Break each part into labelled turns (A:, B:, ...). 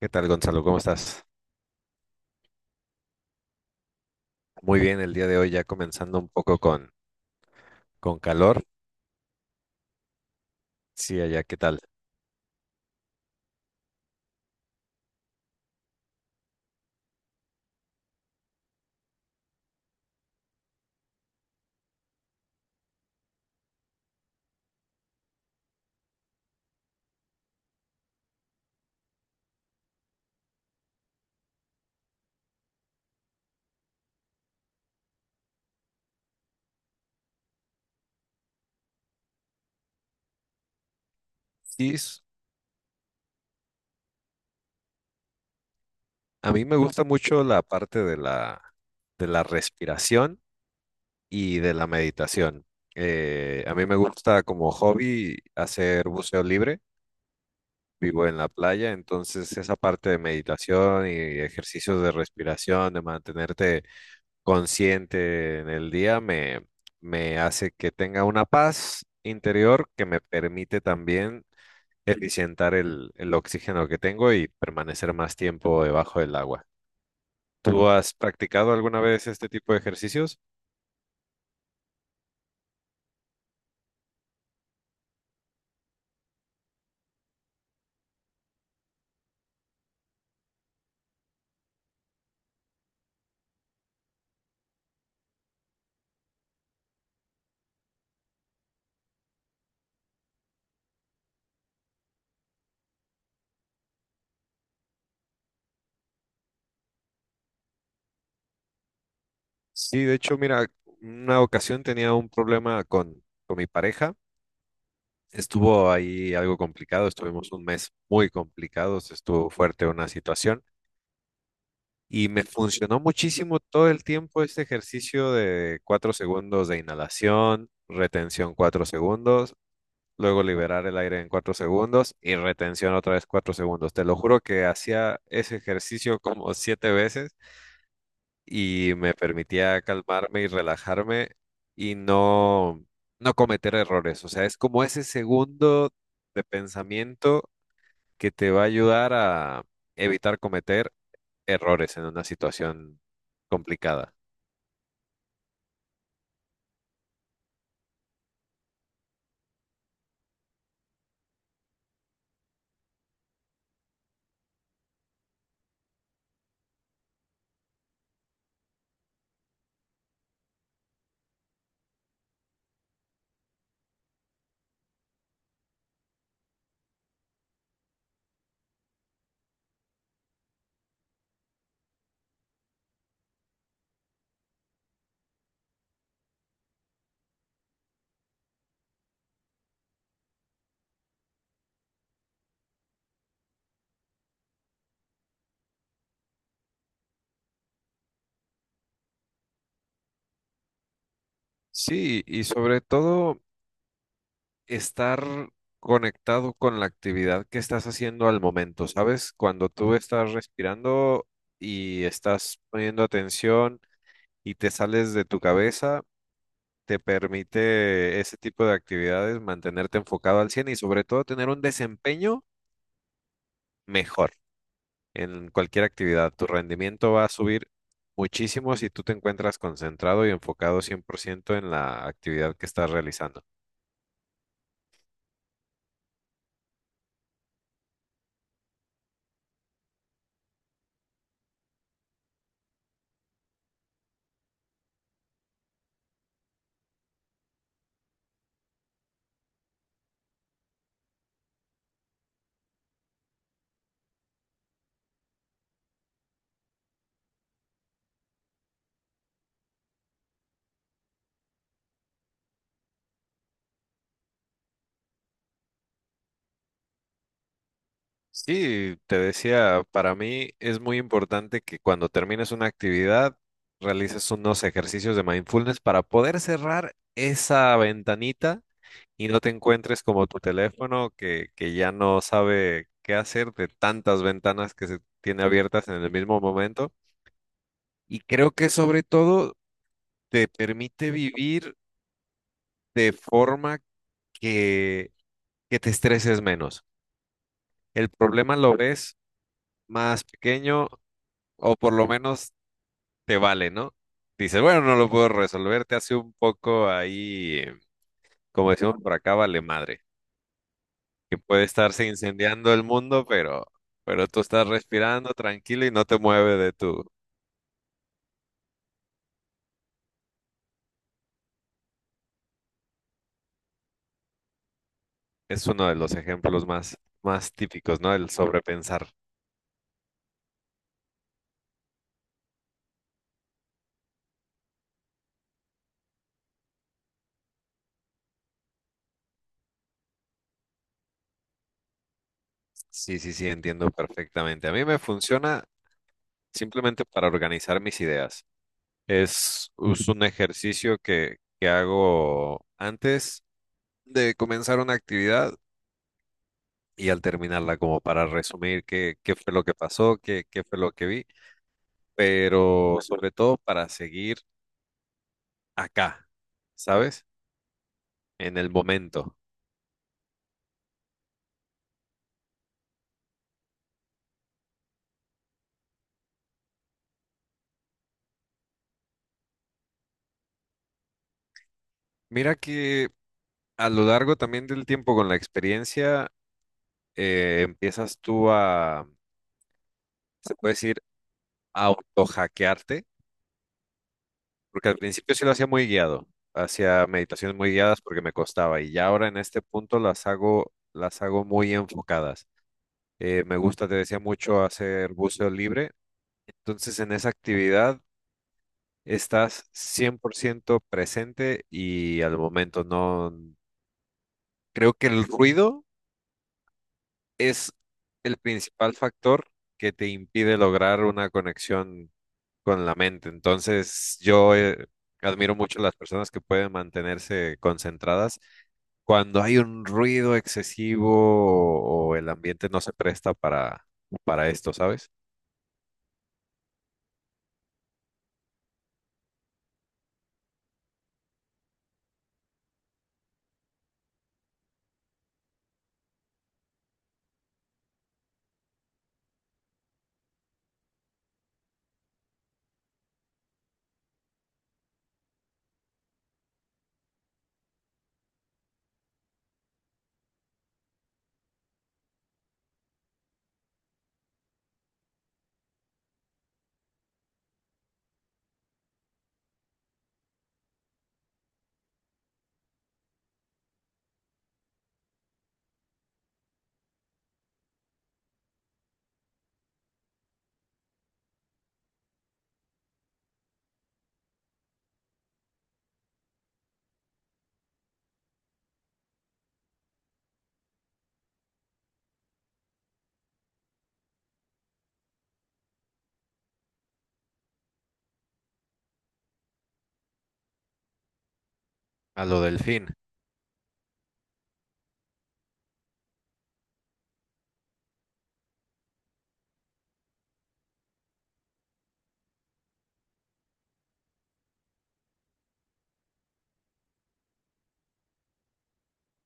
A: ¿Qué tal, Gonzalo? ¿Cómo estás? Muy bien, el día de hoy ya comenzando un poco con calor. Sí, allá, ¿qué tal? Sí, a mí me gusta mucho la parte de de la respiración y de la meditación. A mí me gusta como hobby hacer buceo libre, vivo en la playa, entonces esa parte de meditación y ejercicios de respiración, de mantenerte consciente en el día, me hace que tenga una paz interior que me permite también eficientar el oxígeno que tengo y permanecer más tiempo debajo del agua. ¿Tú has practicado alguna vez este tipo de ejercicios? Sí, de hecho, mira, una ocasión tenía un problema con mi pareja. Estuvo ahí algo complicado, estuvimos un mes muy complicados, estuvo fuerte una situación y me funcionó muchísimo todo el tiempo este ejercicio de 4 segundos de inhalación, retención 4 segundos luego liberar el aire en 4 segundos y retención otra vez 4 segundos. Te lo juro que hacía ese ejercicio como 7 veces y me permitía calmarme y relajarme y no cometer errores. O sea, es como ese segundo de pensamiento que te va a ayudar a evitar cometer errores en una situación complicada. Sí, y sobre todo, estar conectado con la actividad que estás haciendo al momento, ¿sabes? Cuando tú estás respirando y estás poniendo atención y te sales de tu cabeza, te permite ese tipo de actividades mantenerte enfocado al 100 y sobre todo tener un desempeño mejor en cualquier actividad. Tu rendimiento va a subir muchísimo si tú te encuentras concentrado y enfocado 100% en la actividad que estás realizando. Sí, te decía, para mí es muy importante que cuando termines una actividad realices unos ejercicios de mindfulness para poder cerrar esa ventanita y no te encuentres como tu teléfono que ya no sabe qué hacer de tantas ventanas que se tiene abiertas en el mismo momento. Y creo que sobre todo te permite vivir de forma que, que te estreses menos. El problema lo ves más pequeño o por lo menos te vale, ¿no? Dices, bueno, no lo puedo resolver, te hace un poco ahí, como decimos por acá, vale madre, que puede estarse incendiando el mundo, pero tú estás respirando tranquilo y no te mueve de tu... Es uno de los ejemplos más típicos, ¿no? El sobrepensar. Sí, sí, sí, entiendo perfectamente. A mí me funciona simplemente para organizar mis ideas. Es un ejercicio que hago antes de comenzar una actividad y al terminarla, como para resumir qué fue lo que pasó, qué fue lo que vi, pero sobre todo para seguir acá, ¿sabes? En el momento. Mira que a lo largo también del tiempo con la experiencia, empiezas tú a, se puede decir, autohackearte, porque al principio sí lo hacía muy guiado, hacía meditaciones muy guiadas porque me costaba y ya ahora en este punto las hago muy enfocadas. Me gusta, te decía mucho, hacer buceo libre. Entonces, en esa actividad estás 100% presente y al momento no... Creo que el ruido es el principal factor que te impide lograr una conexión con la mente. Entonces, yo admiro mucho las personas que pueden mantenerse concentradas cuando hay un ruido excesivo o el ambiente no se presta para esto, ¿sabes? A lo del fin.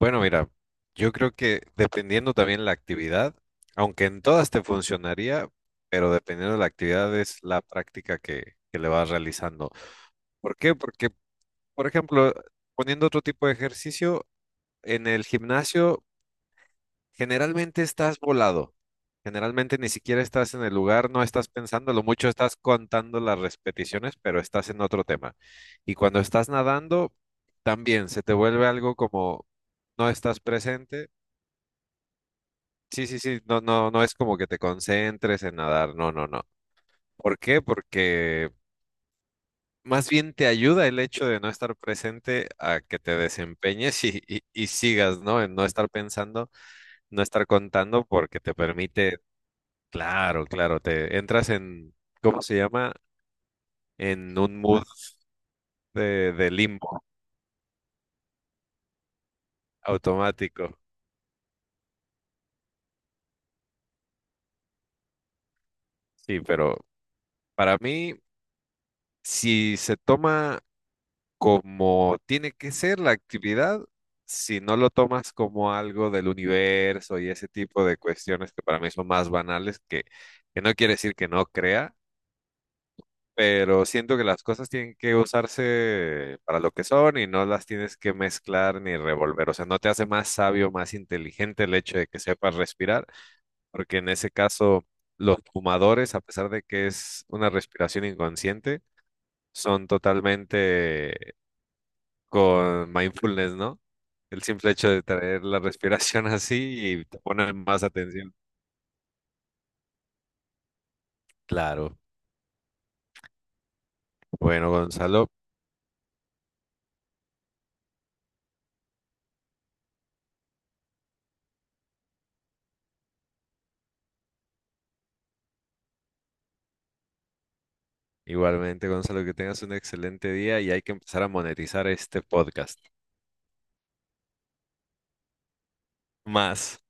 A: Bueno, mira, yo creo que dependiendo también la actividad, aunque en todas te funcionaría, pero dependiendo de la actividad es la práctica que le vas realizando. ¿Por qué? Porque, por ejemplo, poniendo otro tipo de ejercicio, en el gimnasio generalmente estás volado. Generalmente ni siquiera estás en el lugar, no estás pensando, lo mucho estás contando las repeticiones, pero estás en otro tema. Y cuando estás nadando, también se te vuelve algo como no estás presente. Sí, sí, sí, no, no, no es como que te concentres en nadar, no, no, no. ¿Por qué? Porque más bien te ayuda el hecho de no estar presente a que te desempeñes y sigas, ¿no? En no estar pensando, no estar contando, porque te permite, claro, claro, te entras en, ¿cómo se llama? En un mood de limbo automático. Sí, pero para mí, si se toma como tiene que ser la actividad, si no lo tomas como algo del universo y ese tipo de cuestiones que para mí son más banales, que no quiere decir que no crea, pero siento que las cosas tienen que usarse para lo que son y no las tienes que mezclar ni revolver. O sea, no te hace más sabio, más inteligente el hecho de que sepas respirar, porque en ese caso... Los fumadores, a pesar de que es una respiración inconsciente, son totalmente con mindfulness, ¿no? El simple hecho de traer la respiración así y te pone más atención. Claro. Bueno, Gonzalo, igualmente, Gonzalo, que tengas un excelente día y hay que empezar a monetizar este podcast. Más.